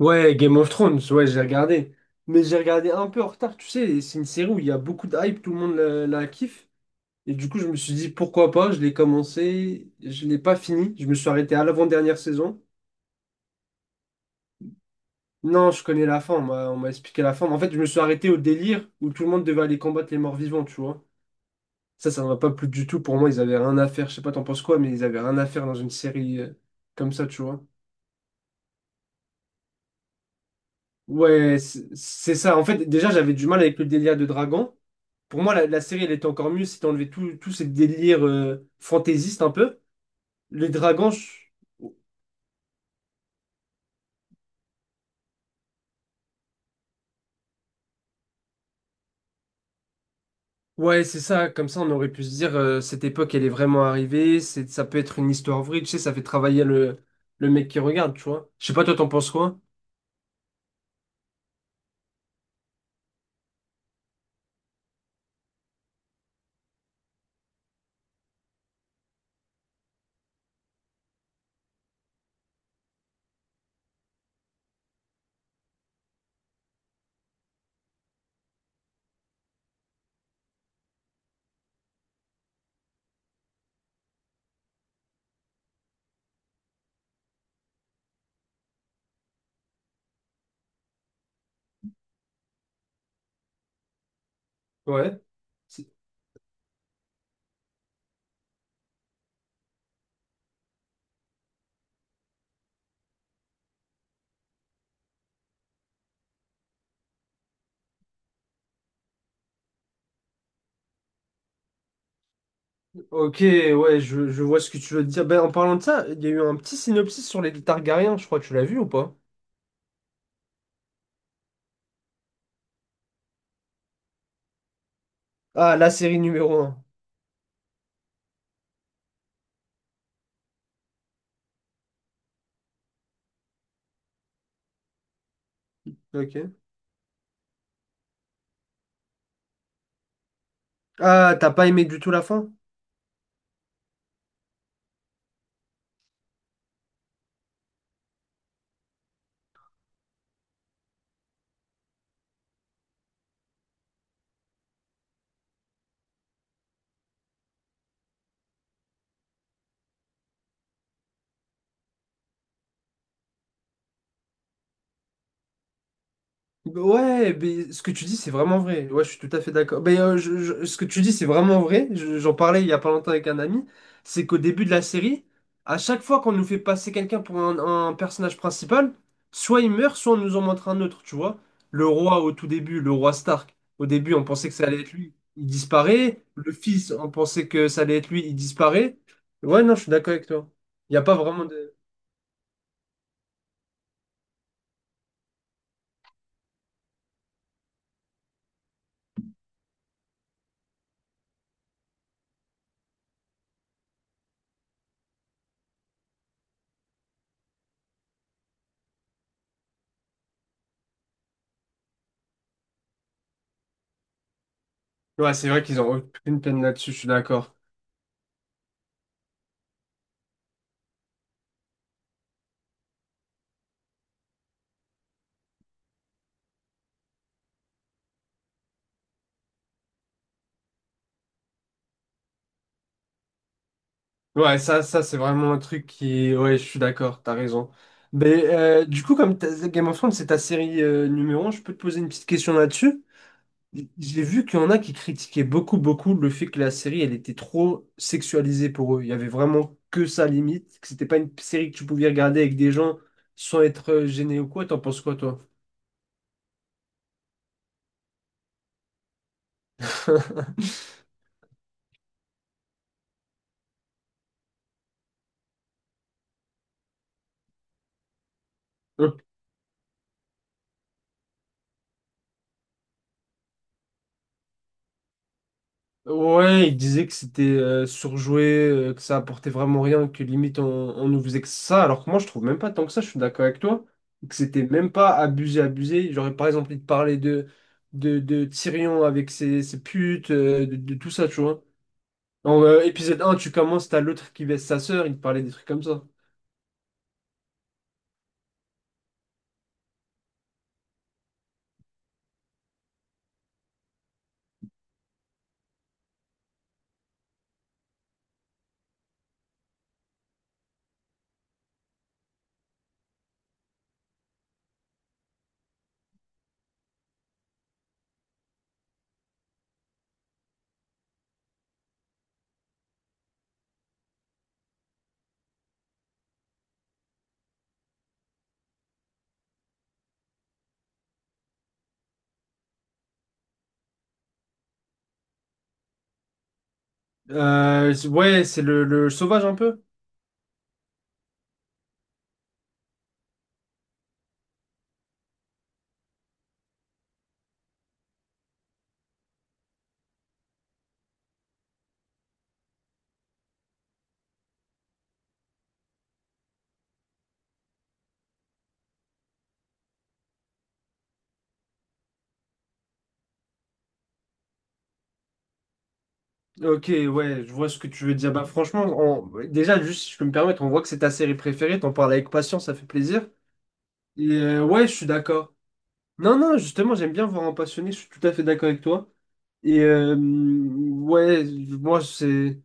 Ouais, Game of Thrones, ouais, j'ai regardé. Mais j'ai regardé un peu en retard, tu sais, c'est une série où il y a beaucoup de hype, tout le monde la kiffe. Et du coup, je me suis dit, pourquoi pas, je l'ai commencé, je l'ai pas fini, je me suis arrêté à l'avant-dernière saison. Non, je connais la fin, on m'a expliqué la fin. Mais en fait, je me suis arrêté au délire où tout le monde devait aller combattre les morts vivants, tu vois. Ça m'a pas plu du tout. Pour moi, ils avaient rien à faire, je sais pas, t'en penses quoi, mais ils avaient rien à faire dans une série comme ça, tu vois. Ouais, c'est ça. En fait, déjà, j'avais du mal avec le délire de dragon. Pour moi, la série, elle était encore mieux si t'enlevais tout, tout ce délire fantaisiste un peu. Les dragons, ouais, c'est ça. Comme ça, on aurait pu se dire, cette époque, elle est vraiment arrivée. Ça peut être une histoire vraie. Tu sais, ça fait travailler le mec qui regarde, tu vois. Je sais pas, toi, t'en penses quoi? Ouais. Ok, ouais, je vois ce que tu veux dire. Ben, en parlant de ça, il y a eu un petit synopsis sur les Targaryens, je crois, tu l'as vu ou pas? Ah, la série numéro un. Ok. Ah, t'as pas aimé du tout la fin? Ouais, mais ce que tu dis, c'est vraiment vrai. Ouais, je suis tout à fait d'accord. Mais ce que tu dis, c'est vraiment vrai. J'en parlais il y a pas longtemps avec un ami. C'est qu'au début de la série, à chaque fois qu'on nous fait passer quelqu'un pour un personnage principal, soit il meurt, soit on nous en montre un autre, tu vois. Le roi au tout début, le roi Stark. Au début, on pensait que ça allait être lui. Il disparaît. Le fils, on pensait que ça allait être lui. Il disparaît. Ouais, non, je suis d'accord avec toi. Il n'y a pas vraiment de... Ouais, c'est vrai qu'ils ont aucune peine là-dessus, je suis d'accord. Ouais, ça c'est vraiment un truc qui... Ouais, je suis d'accord, t'as raison. Mais du coup, comme Game of Thrones, c'est ta série numéro un, je peux te poser une petite question là-dessus. J'ai vu qu'il y en a qui critiquaient beaucoup, beaucoup le fait que la série, elle était trop sexualisée pour eux. Il y avait vraiment que ça limite, que c'était pas une série que tu pouvais regarder avec des gens sans être gêné ou quoi. T'en penses quoi, toi? Ouais, il disait que c'était surjoué, que ça apportait vraiment rien, que limite on nous faisait que ça, alors que moi je trouve même pas tant que ça, je suis d'accord avec toi, que c'était même pas abusé, abusé. J'aurais par exemple envie de parler de Tyrion avec ses putes, de tout ça, tu vois. En épisode un, tu commences, t'as l'autre qui baisse sa sœur, il te parlait des trucs comme ça. Ouais, c'est le sauvage un peu. Ok, ouais, je vois ce que tu veux dire. Bah franchement, déjà, juste si je peux me permettre, on voit que c'est ta série préférée, t'en parles avec patience, ça fait plaisir. Et ouais, je suis d'accord. Non, non, justement, j'aime bien voir un passionné, je suis tout à fait d'accord avec toi. Et ouais, moi, c'est...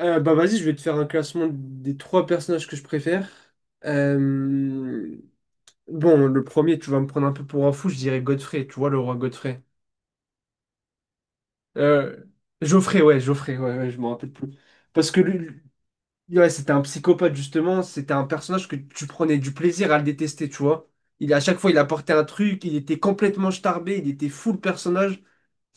Bah vas-y, je vais te faire un classement des trois personnages que je préfère. Euh, Bon, le premier, tu vas me prendre un peu pour un fou, je dirais Godfrey, tu vois, le roi Godfrey. Euh, Geoffrey, ouais, ouais, je m'en rappelle plus. Parce que lui, ouais, c'était un psychopathe, justement. C'était un personnage que tu prenais du plaisir à le détester, tu vois. Il, à chaque fois, il apportait un truc, il était complètement starbé, il était fou le personnage.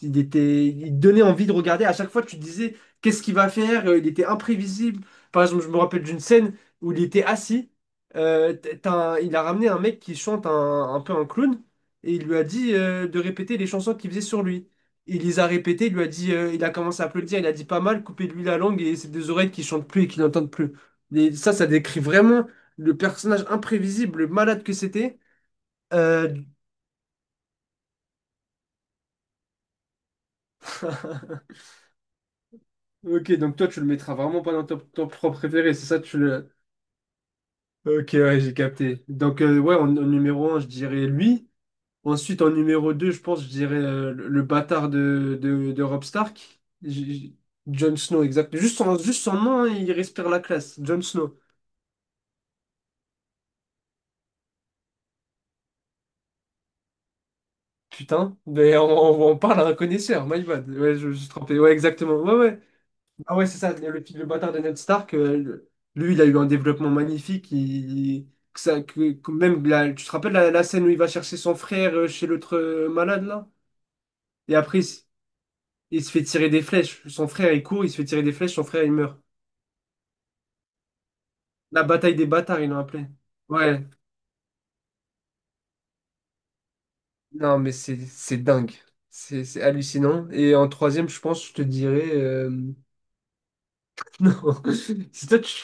Il donnait envie de regarder. À chaque fois, tu te disais, qu'est-ce qu'il va faire? Il était imprévisible. Par exemple, je me rappelle d'une scène où il était assis. Il a ramené un mec qui chante un peu un clown et il lui a dit de répéter les chansons qu'il faisait sur lui. Il les a répétées, il lui a dit, il a commencé à applaudir, il a dit pas mal, coupez-lui la langue et ses deux oreilles qui chantent plus et qui n'entendent plus. Et ça décrit vraiment le personnage imprévisible, le malade que c'était. Euh, Ok, donc toi, tu le mettras vraiment pas dans ton propre préféré, c'est ça, tu le... Ok, ouais, j'ai capté. Donc, ouais, en numéro un je dirais lui. Ensuite, en numéro 2 je pense, je dirais le bâtard de Robb Stark. Jon Snow, exact. Juste son nom, hein, il respire la classe. Jon Snow. Putain, mais on parle à un connaisseur, my bad. Ouais, je me suis trompé. Ouais, exactement. Ouais, ouais. Ah ouais, c'est ça, le bâtard de Ned Stark, lui, il a eu un développement magnifique. Il, que ça, que même tu te rappelles la scène où il va chercher son frère chez l'autre malade, là? Et après, il se fait tirer des flèches. Son frère, il court, il se fait tirer des flèches, son frère, il meurt. La bataille des bâtards, ils l'ont appelé. Ouais, non, mais c'est dingue. C'est hallucinant. Et en troisième, je pense, je te dirais... Non, c'est toi, tu...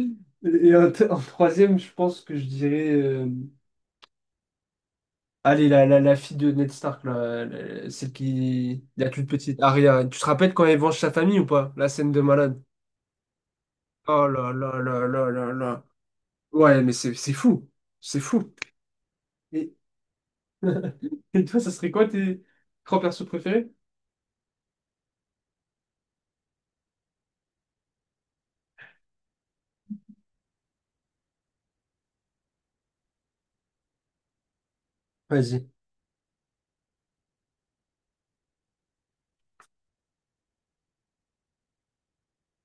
Et en troisième, je pense que je dirais... Allez, la fille de Ned Stark, là, celle qui... La toute petite, Arya. Tu te rappelles quand elle venge sa famille ou pas? La scène de malade. Oh là là là là là là. Ouais, mais c'est fou. C'est fou. Et... Et toi, ça serait quoi tes trois persos préférés? Vas-y.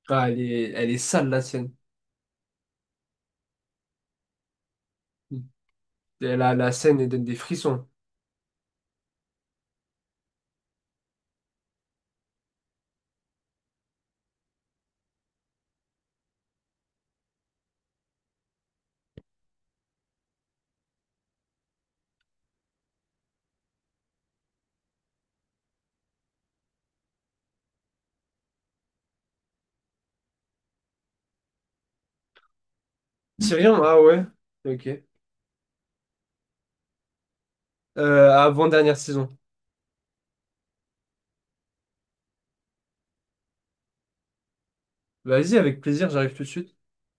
Ah, elle est sale, la scène. Et la scène, elle donne des frissons. Tyrion, ah ouais. Ok. Avant-dernière saison. Vas-y, avec plaisir, j'arrive tout de suite.